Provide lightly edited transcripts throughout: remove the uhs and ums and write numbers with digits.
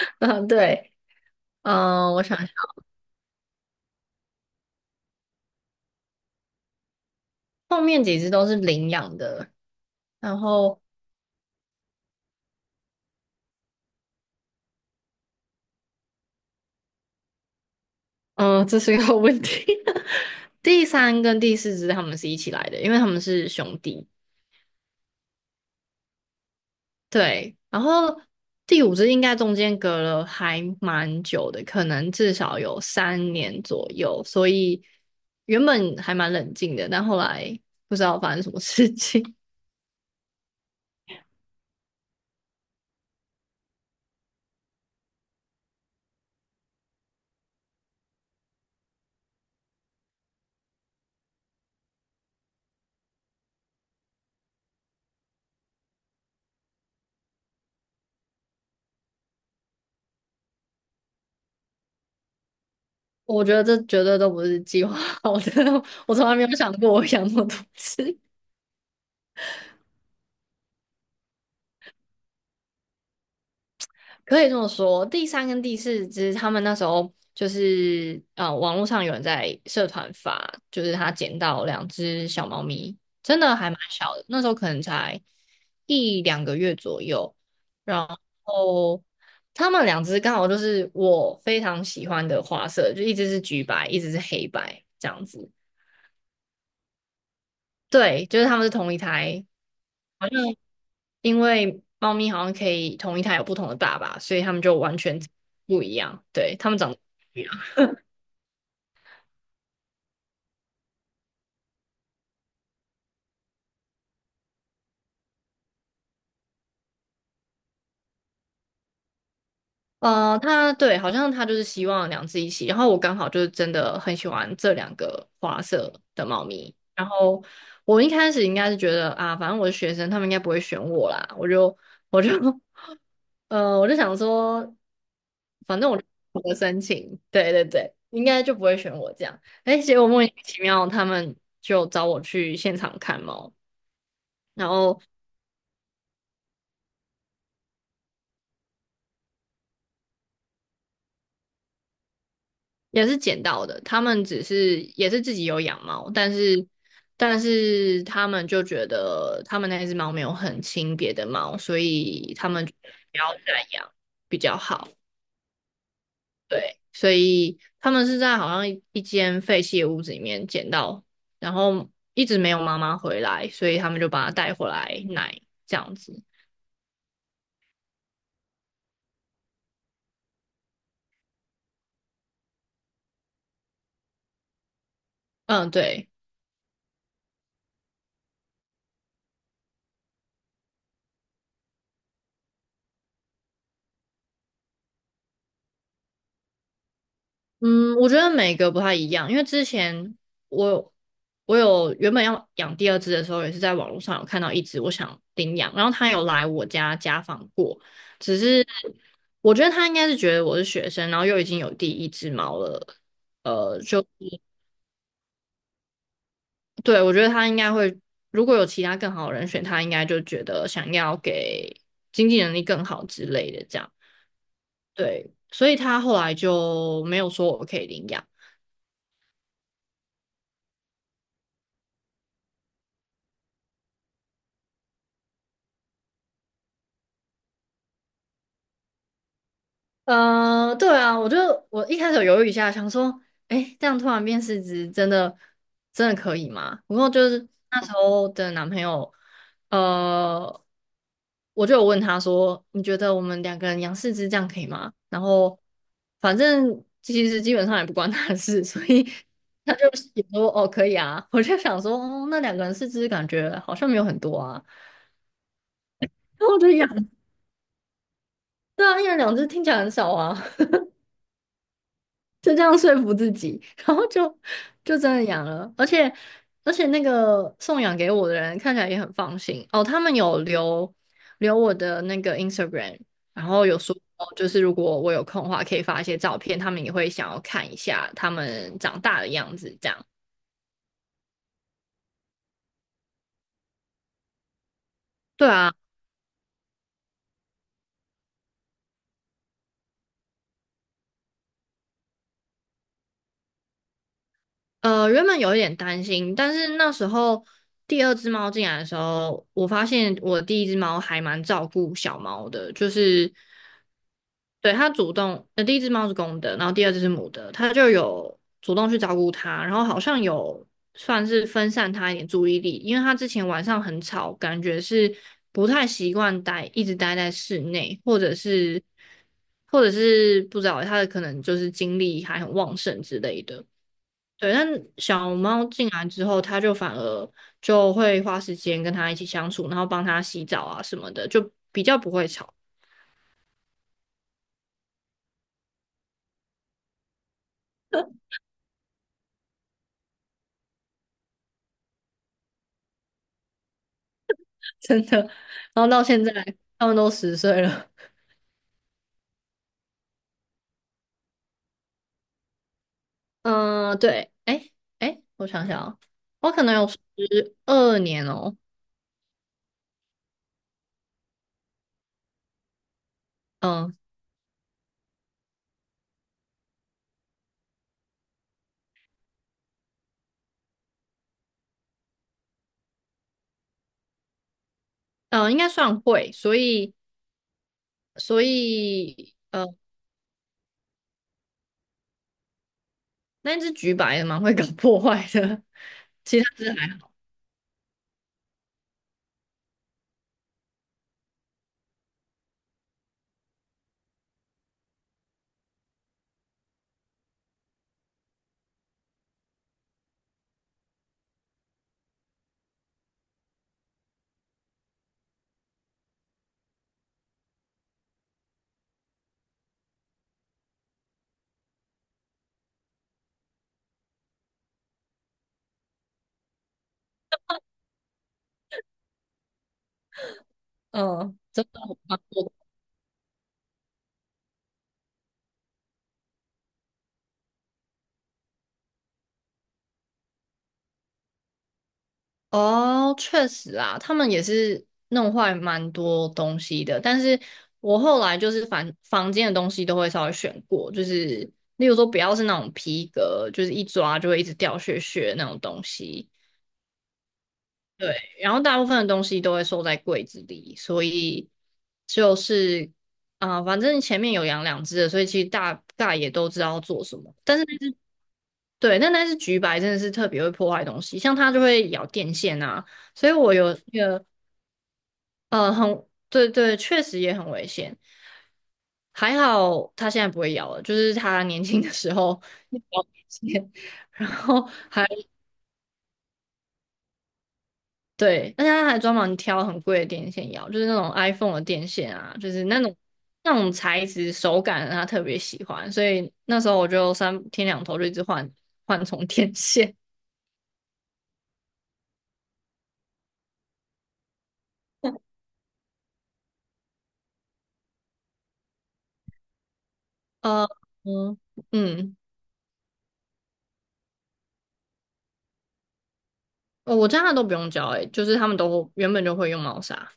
嗯，对，我想一下后面几只都是领养的，然后，嗯，这是一个问题。第三跟第四只它们是一起来的，因为它们是兄弟。对，然后第五只应该中间隔了还蛮久的，可能至少有3年左右，所以原本还蛮冷静的，但后来不知道发生什么事情。我觉得这绝对都不是计划好的，我从来没有想过我养那么多只。可以这么说，第三跟第四只，他们那时候就是网络上有人在社团发，就是他捡到两只小猫咪，真的还蛮小的，那时候可能才一两个月左右。然后他们两只刚好就是我非常喜欢的花色，就一只是橘白，一只是黑白这样子。对，就是他们是同一台，好像因为猫咪好像可以同一胎有不同的爸爸，所以它们就完全不一样。对，它们长得不一样。它对，好像它就是希望两只一起。然后我刚好就是真的很喜欢这两个花色的猫咪。然后我一开始应该是觉得啊，反正我是学生，他们应该不会选我啦。我就 我就想说，反正我的申请，对对对，应该就不会选我这样。哎，结果莫名其妙，他们就找我去现场看猫。然后也是捡到的。他们只是也是自己有养猫，但是他们就觉得他们那只猫没有很亲别的猫，所以他们就不要再养比较好。对，所以他们是在好像一间废弃的屋子里面捡到，然后一直没有妈妈回来，所以他们就把它带回来奶这样子。嗯，对。嗯，我觉得每个不太一样，因为之前我我有原本要养第二只的时候，也是在网络上有看到一只我想领养，然后它有来我家家访过，只是我觉得它应该是觉得我是学生，然后又已经有第一只猫了，呃，就对我觉得它应该会，如果有其他更好的人选，它应该就觉得想要给经济能力更好之类的这样，对，所以他后来就没有说我可以领养。对啊，我一开始有犹豫一下，想说，哎，这样突然变四只，真的可以吗？不过就是那时候的男朋友，呃，我就有问他说，你觉得我们两个人养四只这样可以吗？然后反正其实基本上也不关他的事，所以他就也说哦可以啊。我就想说，哦，那两个人四只感觉好像没有很多啊，然后我就养，对啊，一人两只听起来很少啊。就这样说服自己，然后就真的养了，而且那个送养给我的人看起来也很放心哦，他们有留我的那个 Instagram，然后有说哦就是如果我有空的话，可以发一些照片，他们也会想要看一下他们长大的样子，这样。对啊，原本有一点担心，但是那时候第二只猫进来的时候，我发现我第一只猫还蛮照顾小猫的，就是对它主动，第一只猫是公的，然后第二只是母的，它就有主动去照顾它，然后好像有算是分散它一点注意力，因为它之前晚上很吵，感觉是不太习惯待，一直待在室内，或者是不知道它的可能就是精力还很旺盛之类的。对，但小猫进来之后，它就反而就会花时间跟它一起相处，然后帮它洗澡啊什么的，就比较不会吵，真的。然后到现在，它们都10岁了。嗯，对，哎，我想想哦，我可能有12年哦，嗯嗯，应该算会，所以所以呃，那只橘白的蛮会搞破坏的，其他只还好。嗯，蛮多哦，确实啊，他们也是弄坏蛮多东西的。但是我后来就是房间的东西都会稍微选过，就是例如说不要是那种皮革，就是一抓就会一直掉屑屑的那种东西。对，然后大部分的东西都会收在柜子里，所以就是反正前面有养两只的，所以其实大概也都知道要做什么。但是对，但那是橘白真的是特别会破坏东西，像它就会咬电线啊。所以我有那个对对，确实也很危险。还好他现在不会咬了，就是他年轻的时候 咬电线，然后还对，而且它还专门挑很贵的电线咬，就是那种 iPhone 的电线啊，就是那种材质手感他特别喜欢，所以那时候我就三天两头就一直换充电线。呃嗯嗯，哦我家的都不用教诶、就是他们都原本就会用猫砂。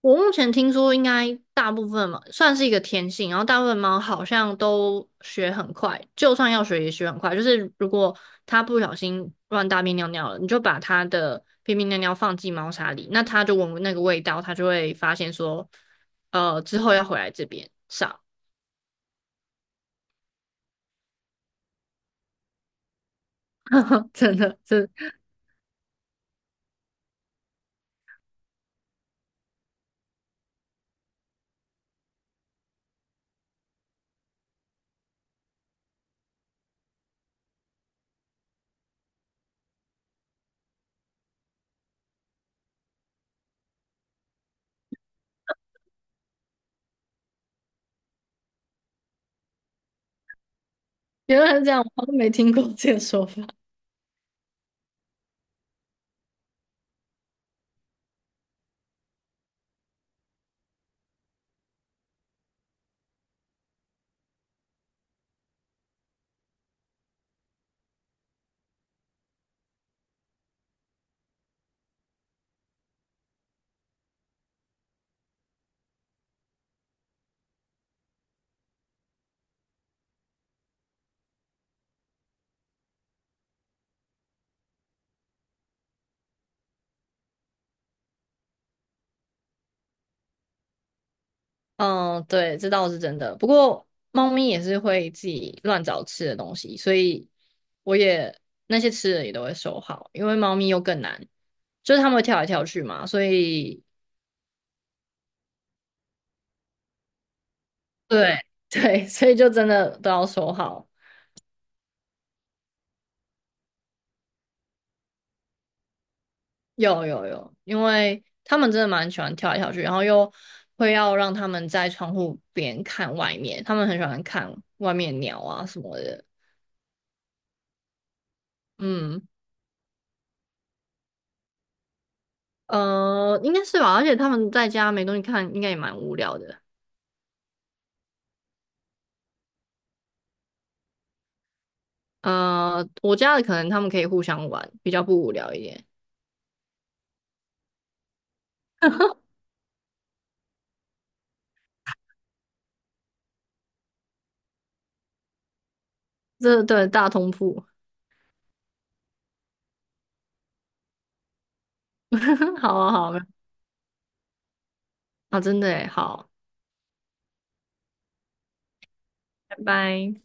我目前听说，应该大部分嘛，算是一个天性，然后大部分猫好像都学很快，就算要学也学很快。就是如果它不小心乱大便尿尿了，你就把它的便便尿尿放进猫砂里，那它就闻那个味道，它就会发现说，之后要回来这边上。真的，这原来是这样，我都没听过这个说法。嗯，对，这倒是真的。不过猫咪也是会自己乱找吃的东西，所以我也那些吃的也都会收好，因为猫咪又更难，就是它们会跳来跳去嘛，所以对 对，所以就真的都要收好。有有有，因为他们真的蛮喜欢跳来跳去，然后又会要让它们在窗户边看外面，他们很喜欢看外面鸟啊什么的。嗯，应该是吧，而且它们在家没东西看，应该也蛮无聊的。我家的可能他们可以互相玩，比较不无聊一点。这对大通铺，好啊好啊，啊真的耶好，拜拜。